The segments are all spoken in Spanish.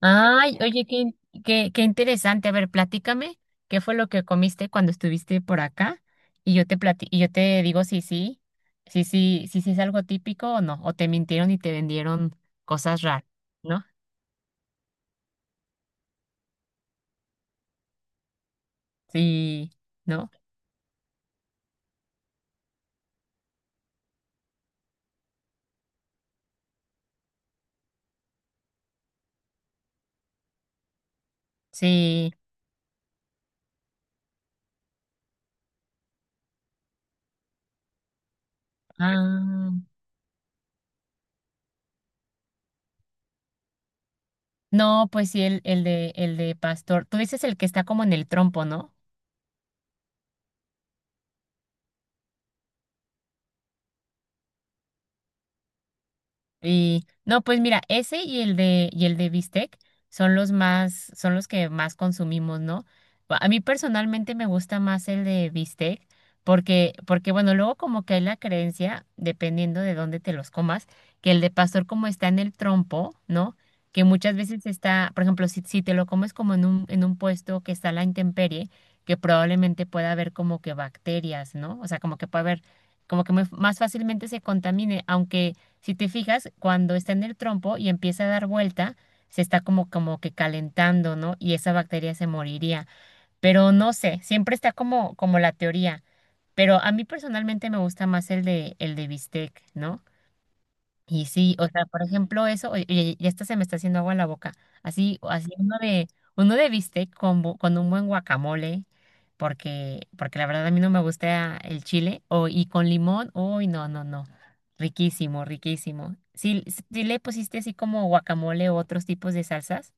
Ay, oye, qué, qué interesante. A ver, platícame, ¿qué fue lo que comiste cuando estuviste por acá? Y y yo te digo si sí, si sí, si sí es algo típico o no, o te mintieron y te vendieron cosas raras, ¿no? Sí, ¿no? Sí. Ah, no, pues sí, el de pastor. Tú dices el que está como en el trompo, ¿no? Y no, pues mira, ese y el de bistec son los más son los que más consumimos, ¿no? A mí personalmente me gusta más el de bistec porque bueno, luego como que hay la creencia, dependiendo de dónde te los comas, que el de pastor como está en el trompo, ¿no? Que muchas veces está, por ejemplo, si te lo comes como en un puesto que está a la intemperie, que probablemente pueda haber como que bacterias, ¿no? O sea, como que puede haber como que más fácilmente se contamine, aunque si te fijas, cuando está en el trompo y empieza a dar vuelta, se está como, como que calentando, ¿no? Y esa bacteria se moriría. Pero no sé, siempre está como, como la teoría. Pero a mí personalmente me gusta más el de bistec, ¿no? Y sí, o sea, por ejemplo, eso, oye, ya hasta se me está haciendo agua en la boca. Así, o así uno de bistec con, con un buen guacamole, porque la verdad a mí no me gusta el chile, o, y con limón, uy, no, no, no. Riquísimo, riquísimo. Sí, sí le pusiste así como guacamole o otros tipos de salsas.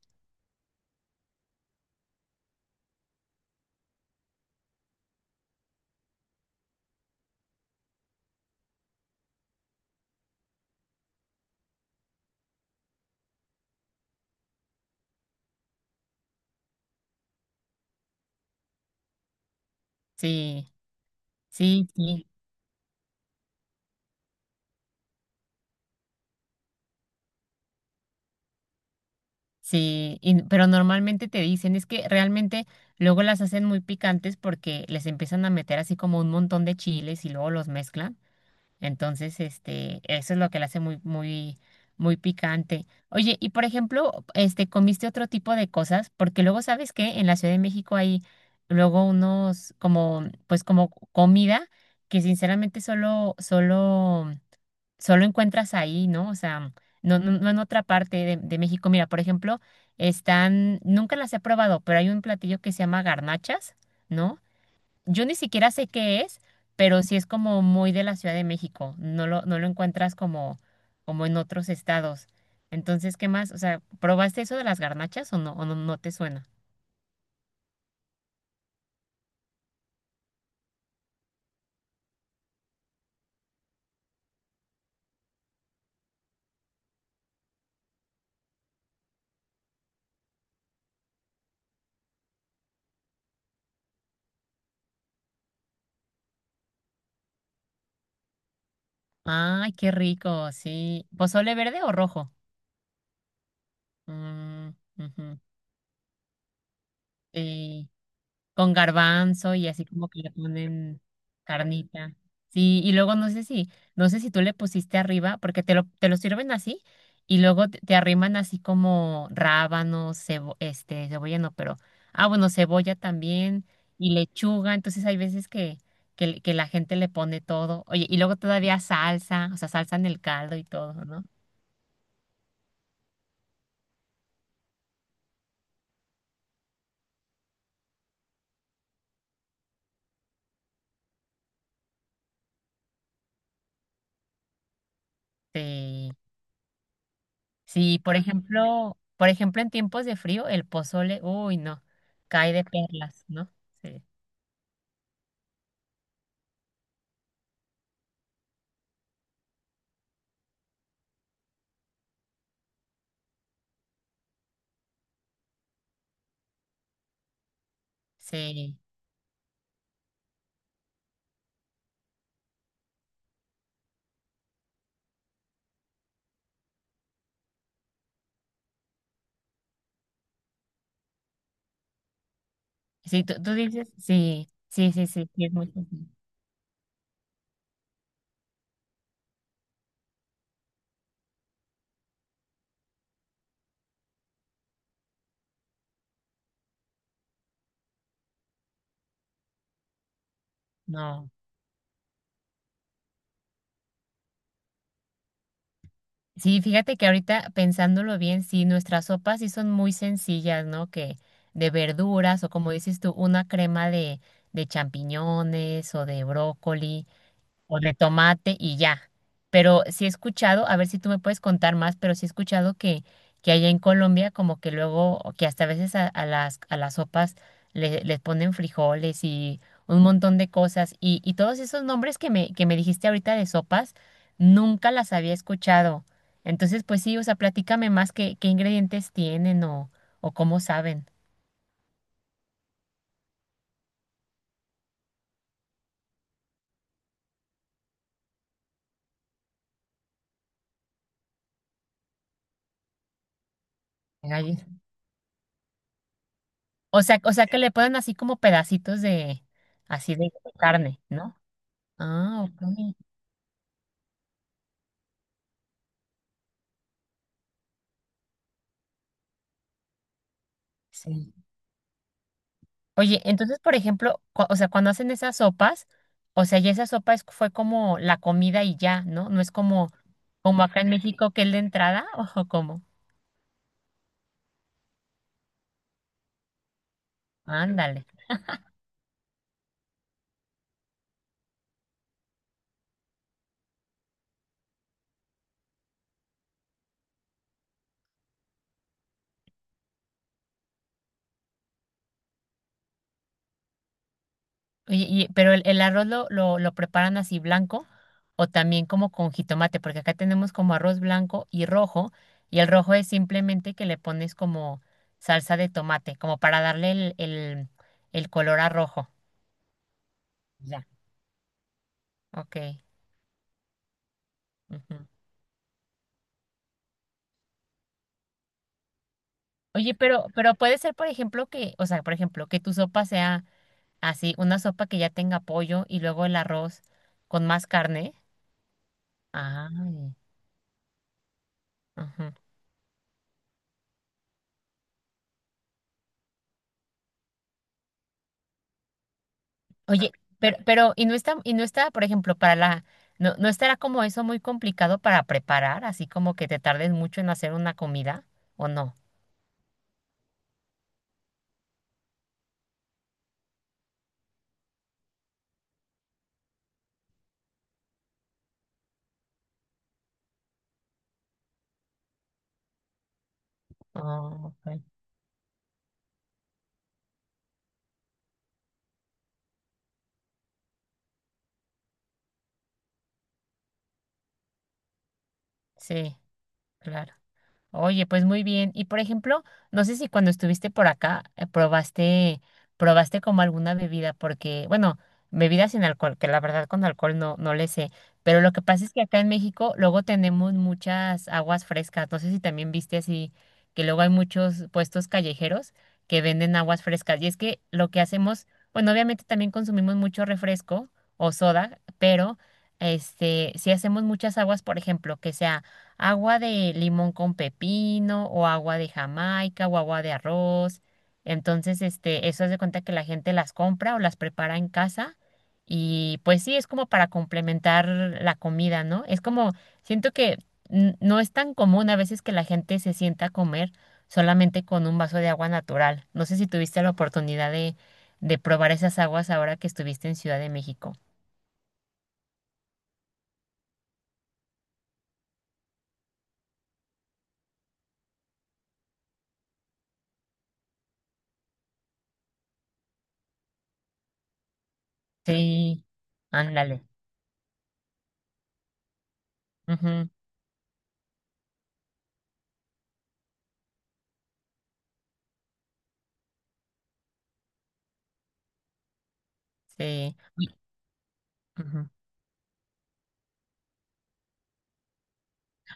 Sí, sí, sí, sí. Pero normalmente te dicen, es que realmente luego las hacen muy picantes porque les empiezan a meter así como un montón de chiles y luego los mezclan. Entonces, este, eso es lo que la hace muy, muy, muy picante. Oye, y por ejemplo, este, ¿comiste otro tipo de cosas? Porque luego, ¿sabes qué? En la Ciudad de México hay luego unos como, pues como comida que sinceramente solo, solo, solo encuentras ahí, ¿no? O sea, no, no en otra parte de México. Mira, por ejemplo, están, nunca las he probado, pero hay un platillo que se llama garnachas, ¿no? Yo ni siquiera sé qué es, pero sí es como muy de la Ciudad de México. No lo encuentras como, como en otros estados. Entonces, ¿qué más? O sea, ¿probaste eso de las garnachas o no, no te suena? Ay, qué rico, sí. ¿Pozole verde o rojo? Mm, ujú, sí. Con garbanzo y así como que le ponen carnita. Sí, y luego no sé si, no sé si tú le pusiste arriba, porque te lo sirven así, y luego te arriman así como rábano, cebo, este, cebolla no, pero, ah, bueno, cebolla también, y lechuga, entonces hay veces que, que la gente le pone todo, oye, y luego todavía salsa, o sea, salsa en el caldo y todo, ¿no? Sí. Sí, por ejemplo, en tiempos de frío, el pozole, uy, no, cae de perlas, ¿no? Sí, sí, sí, tú dices, sí, sí, sí, sí, sí, es muy sencillo. No. Sí, fíjate que ahorita pensándolo bien, sí, nuestras sopas sí son muy sencillas, ¿no? Que de verduras o como dices tú, una crema de champiñones o de brócoli, o de tomate y ya. Pero sí he escuchado, a ver si tú me puedes contar más, pero sí he escuchado que allá en Colombia como que luego, o que hasta a veces a las sopas les ponen frijoles y un montón de cosas. Y todos esos nombres que me dijiste ahorita de sopas, nunca las había escuchado. Entonces, pues sí, o sea, platícame más qué, qué ingredientes tienen o cómo saben. Ahí. O sea que le ponen así como pedacitos de, así de carne, ¿no? Ah, ok. Sí. Oye, entonces, por ejemplo, o sea, cuando hacen esas sopas, o sea, ya esa sopa es, fue como la comida y ya, ¿no? No es como, como acá en México que es la entrada, ojo, como, ándale. Oye, y, pero el, lo preparan así blanco o también como con jitomate, porque acá tenemos como arroz blanco y rojo, y el rojo es simplemente que le pones como salsa de tomate, como para darle el color a rojo. Ya. Ok. Ujú. Oye, pero puede ser, por ejemplo, que, o sea, por ejemplo, que tu sopa sea así, una sopa que ya tenga pollo y luego el arroz con más carne. Ay, ajá. Oye, pero, y no está, por ejemplo, para la, no, no estará como eso muy complicado para preparar, así como que te tardes mucho en hacer una comida, ¿o no? Oh, ok. Sí, claro. Oye, pues muy bien. Y por ejemplo, no sé si cuando estuviste por acá probaste, probaste como alguna bebida, porque, bueno, bebidas sin alcohol, que la verdad con alcohol no, no le sé. Pero lo que pasa es que acá en México luego tenemos muchas aguas frescas. No sé si también viste así, que luego hay muchos puestos callejeros que venden aguas frescas. Y es que lo que hacemos, bueno, obviamente también consumimos mucho refresco o soda, pero este, si hacemos muchas aguas, por ejemplo, que sea agua de limón con pepino o agua de Jamaica o agua de arroz. Entonces, este, eso hace cuenta que la gente las compra o las prepara en casa y pues sí, es como para complementar la comida, ¿no? Es como, siento que no es tan común a veces que la gente se sienta a comer solamente con un vaso de agua natural. No sé si tuviste la oportunidad de probar esas aguas ahora que estuviste en Ciudad de México. Sí, ándale. Ujú, sí, ujú.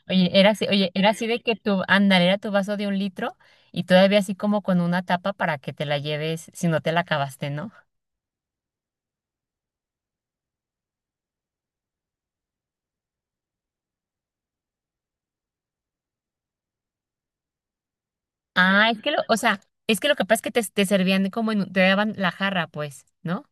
Oye, era así de que tu, ándale, era tu vaso de 1 litro y todavía así como con una tapa para que te la lleves si no te la acabaste, ¿no? Ah, es que lo, o sea, es que lo que pasa es que te servían como en, te daban la jarra, pues, ¿no?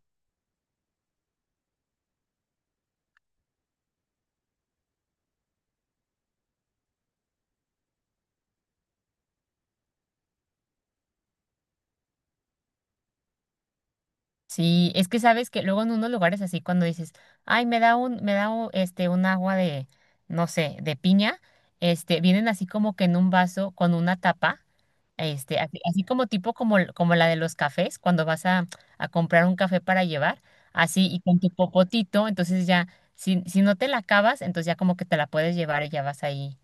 Sí, es que sabes que luego en unos lugares así cuando dices, ay, me da un, este un agua de, no sé, de piña, este, vienen así como que en un vaso con una tapa, este, así, así como tipo como, como la de los cafés, cuando vas a comprar un café para llevar, así y con tu popotito, entonces ya, si, si no te la acabas, entonces ya como que te la puedes llevar y ya vas ahí.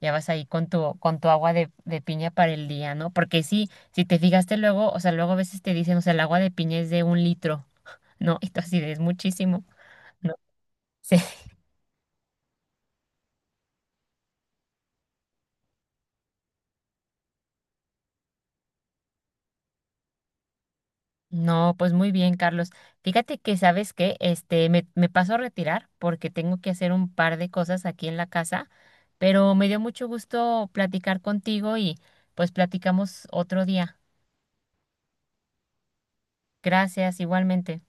Ya vas ahí con tu agua de piña para el día, ¿no? Porque sí, si te fijaste luego, o sea, luego a veces te dicen, o sea, el agua de piña es de 1 litro, ¿no? Y tú así de, es muchísimo, ¿no? Sí. No, pues muy bien, Carlos. Fíjate que, ¿sabes qué? Este, me paso a retirar porque tengo que hacer un par de cosas aquí en la casa, pero me dio mucho gusto platicar contigo y pues platicamos otro día. Gracias, igualmente.